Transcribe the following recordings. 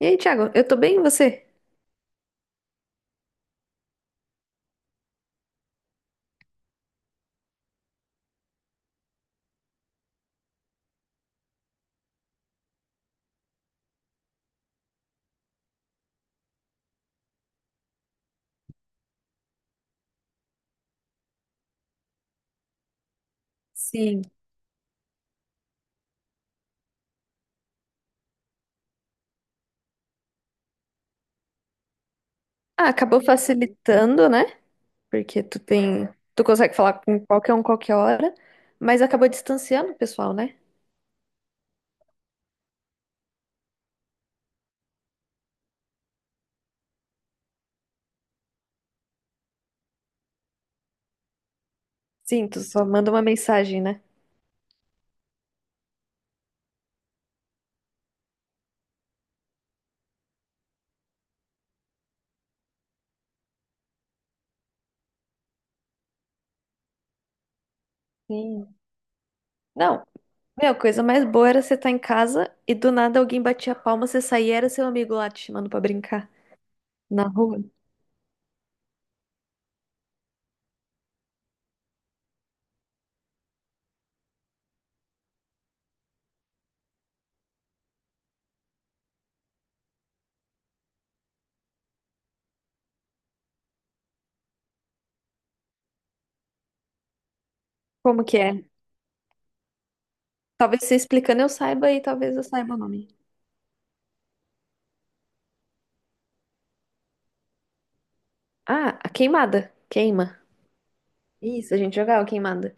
E aí, Thiago, eu tô bem, e você? Sim. Ah, acabou facilitando, né? Porque tu tem, tu consegue falar com qualquer um qualquer hora, mas acabou distanciando o pessoal, né? Sim, tu só manda uma mensagem, né? Sim. Não, meu, a coisa mais boa era você estar em casa e do nada alguém batia a palma, você saía e era seu amigo lá te chamando pra brincar na rua. Como que é? Talvez você explicando eu saiba e talvez eu saiba o nome. Ah, a queimada. Queima. Isso, a gente jogava queimada.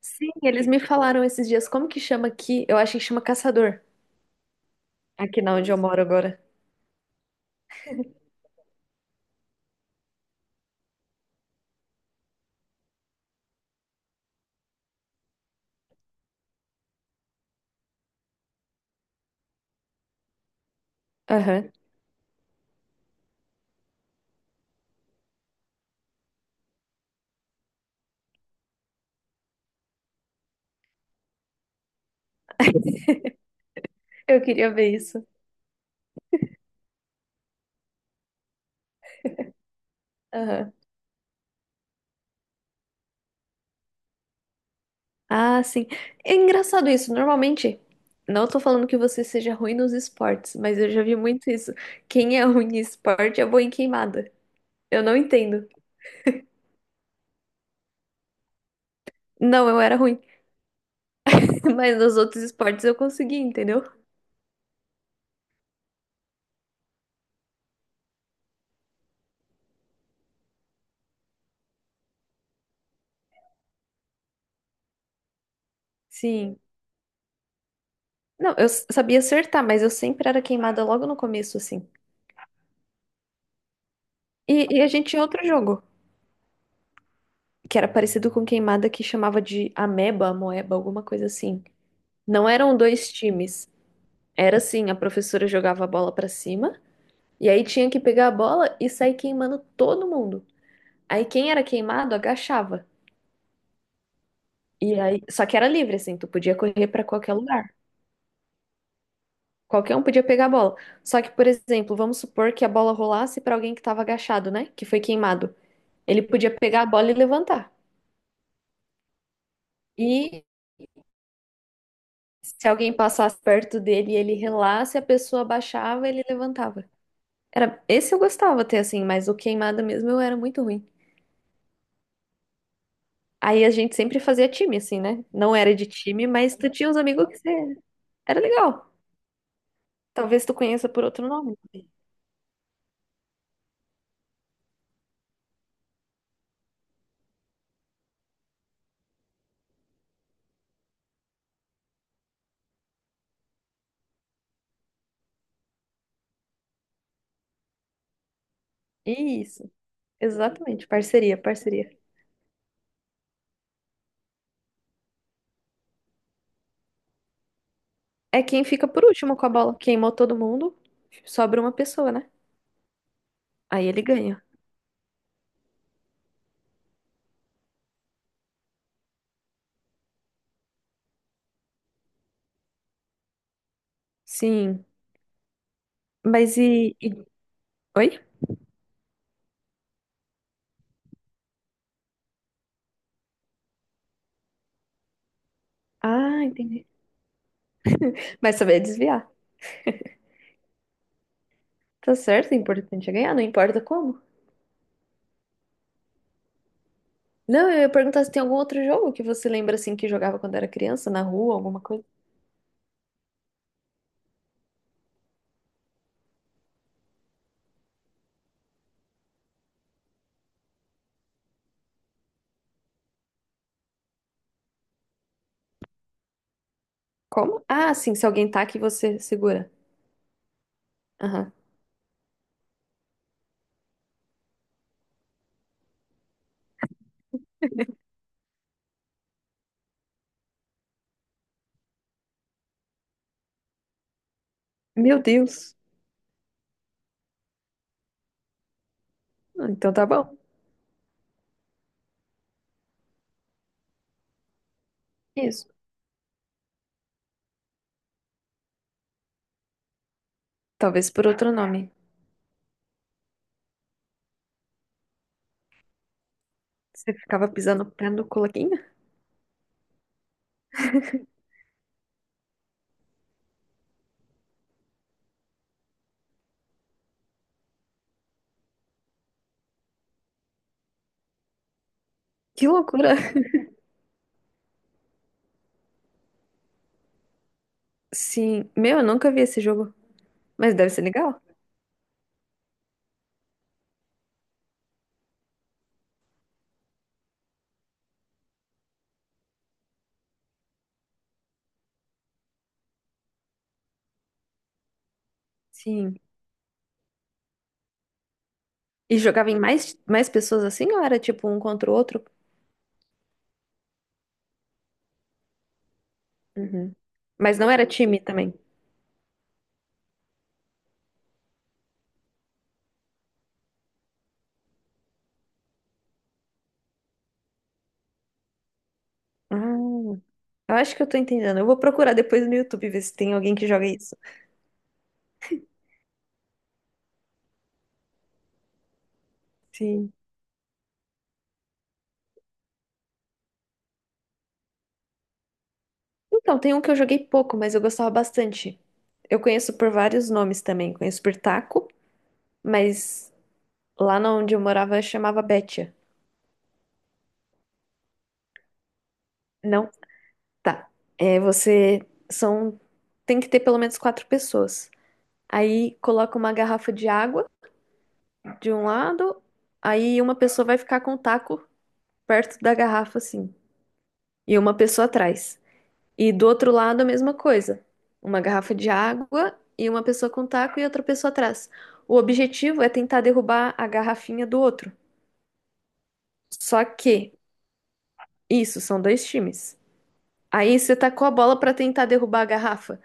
Sim, eles me falaram esses dias como que chama aqui. Eu acho que chama caçador, aqui na onde eu moro agora. Aham. Eu queria ver isso. Aham. Ah, sim. É engraçado isso. Normalmente, não tô falando que você seja ruim nos esportes, mas eu já vi muito isso. Quem é ruim em esporte é bom em queimada. Eu não entendo. Não, eu era ruim, mas nos outros esportes eu consegui, entendeu? Sim. Não, eu sabia acertar, mas eu sempre era queimada logo no começo, assim. E a gente tinha outro jogo que era parecido com queimada, que chamava de ameba, moeba, alguma coisa assim. Não eram dois times. Era assim, a professora jogava a bola pra cima e aí tinha que pegar a bola e sair queimando todo mundo. Aí quem era queimado agachava. E aí, só que era livre assim, tu podia correr pra qualquer lugar. Qualquer um podia pegar a bola. Só que, por exemplo, vamos supor que a bola rolasse pra alguém que tava agachado, né? Que foi queimado. Ele podia pegar a bola e levantar. E se alguém passasse perto dele e ele relasse, a pessoa baixava, ele levantava. Era, esse eu gostava até assim, mas o queimada mesmo eu era muito ruim. Aí a gente sempre fazia time assim, né? Não era de time, mas tu tinha uns amigos que você era legal. Talvez tu conheça por outro nome. Isso, exatamente, parceria, parceria. É quem fica por último com a bola. Queimou todo mundo, sobra uma pessoa, né? Aí ele ganha. Sim, mas e... Oi? Ah, entendi. Vai saber desviar. Tá certo, o importante é ganhar, não importa como. Não, eu ia perguntar se tem algum outro jogo que você lembra assim que jogava quando era criança, na rua, alguma coisa. Como? Ah, sim, se alguém tá aqui, você segura. Aham. Meu Deus. Ah, então tá bom. Isso. Talvez por outro nome. Você ficava pisando o pé no colaquinho? Que loucura. Sim. Meu, eu nunca vi esse jogo. Mas deve ser legal. Sim. E jogava em mais, mais pessoas assim ou era tipo um contra o outro? Uhum. Mas não era time também. Ah. Eu acho que eu tô entendendo. Eu vou procurar depois no YouTube ver se tem alguém que joga isso. Sim. Então, tem um que eu joguei pouco, mas eu gostava bastante. Eu conheço por vários nomes também. Conheço por taco, mas lá na onde eu morava chamava Betia. Não, tá. É, você são Tem que ter pelo menos quatro pessoas. Aí coloca uma garrafa de água de um lado, aí uma pessoa vai ficar com o taco perto da garrafa assim, e uma pessoa atrás. E do outro lado, a mesma coisa. Uma garrafa de água e uma pessoa com taco e outra pessoa atrás. O objetivo é tentar derrubar a garrafinha do outro. Só que, isso, são dois times. Aí você tacou a bola pra tentar derrubar a garrafa.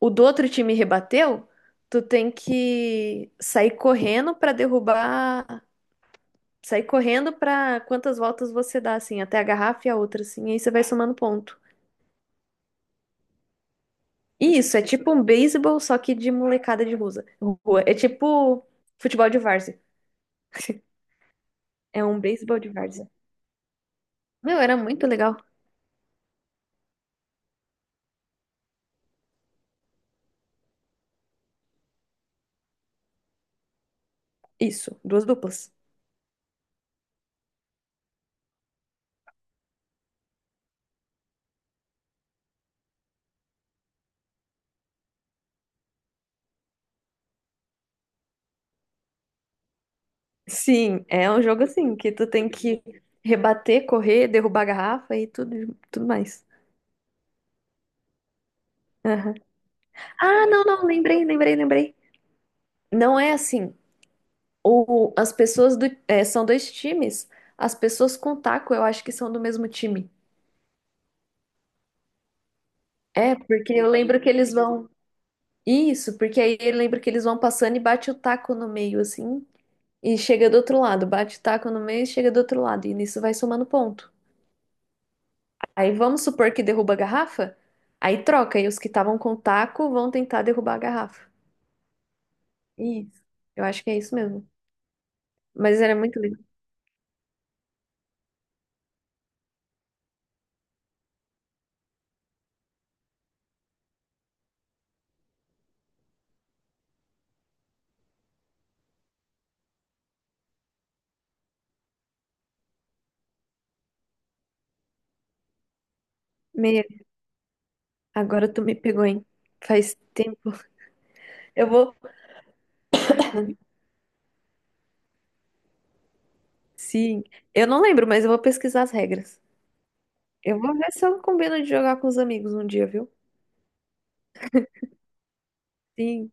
O do outro time rebateu, tu tem que sair correndo pra derrubar. Sair correndo pra quantas voltas você dá, assim, até a garrafa e a outra, assim. E aí você vai somando ponto. Isso, é tipo um beisebol, só que de molecada de rua. É tipo futebol de várzea. É um beisebol de várzea. Meu, era muito legal. Isso, duas duplas. Sim, é um jogo assim, que tu tem que rebater, correr, derrubar a garrafa e tudo, tudo mais. Aham. Ah, não, não, lembrei, lembrei, lembrei. Não é assim. O, as pessoas do, é, são dois times. As pessoas com taco, eu acho que são do mesmo time. É, porque eu lembro que eles vão. Isso, porque aí ele lembra que eles vão passando e bate o taco no meio, assim, e chega do outro lado, bate o taco no meio e chega do outro lado, e nisso vai somando ponto. Aí vamos supor que derruba a garrafa, aí troca, e os que estavam com o taco vão tentar derrubar a garrafa. Isso, eu acho que é isso mesmo. Mas era muito legal. Meia, agora tu me pegou, hein? Faz tempo. Eu vou. Sim, eu não lembro, mas eu vou pesquisar as regras. Eu vou ver se eu combino de jogar com os amigos um dia, viu? Sim,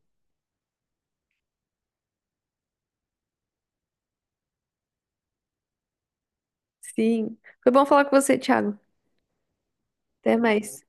sim. Foi bom falar com você, Thiago. Até mais.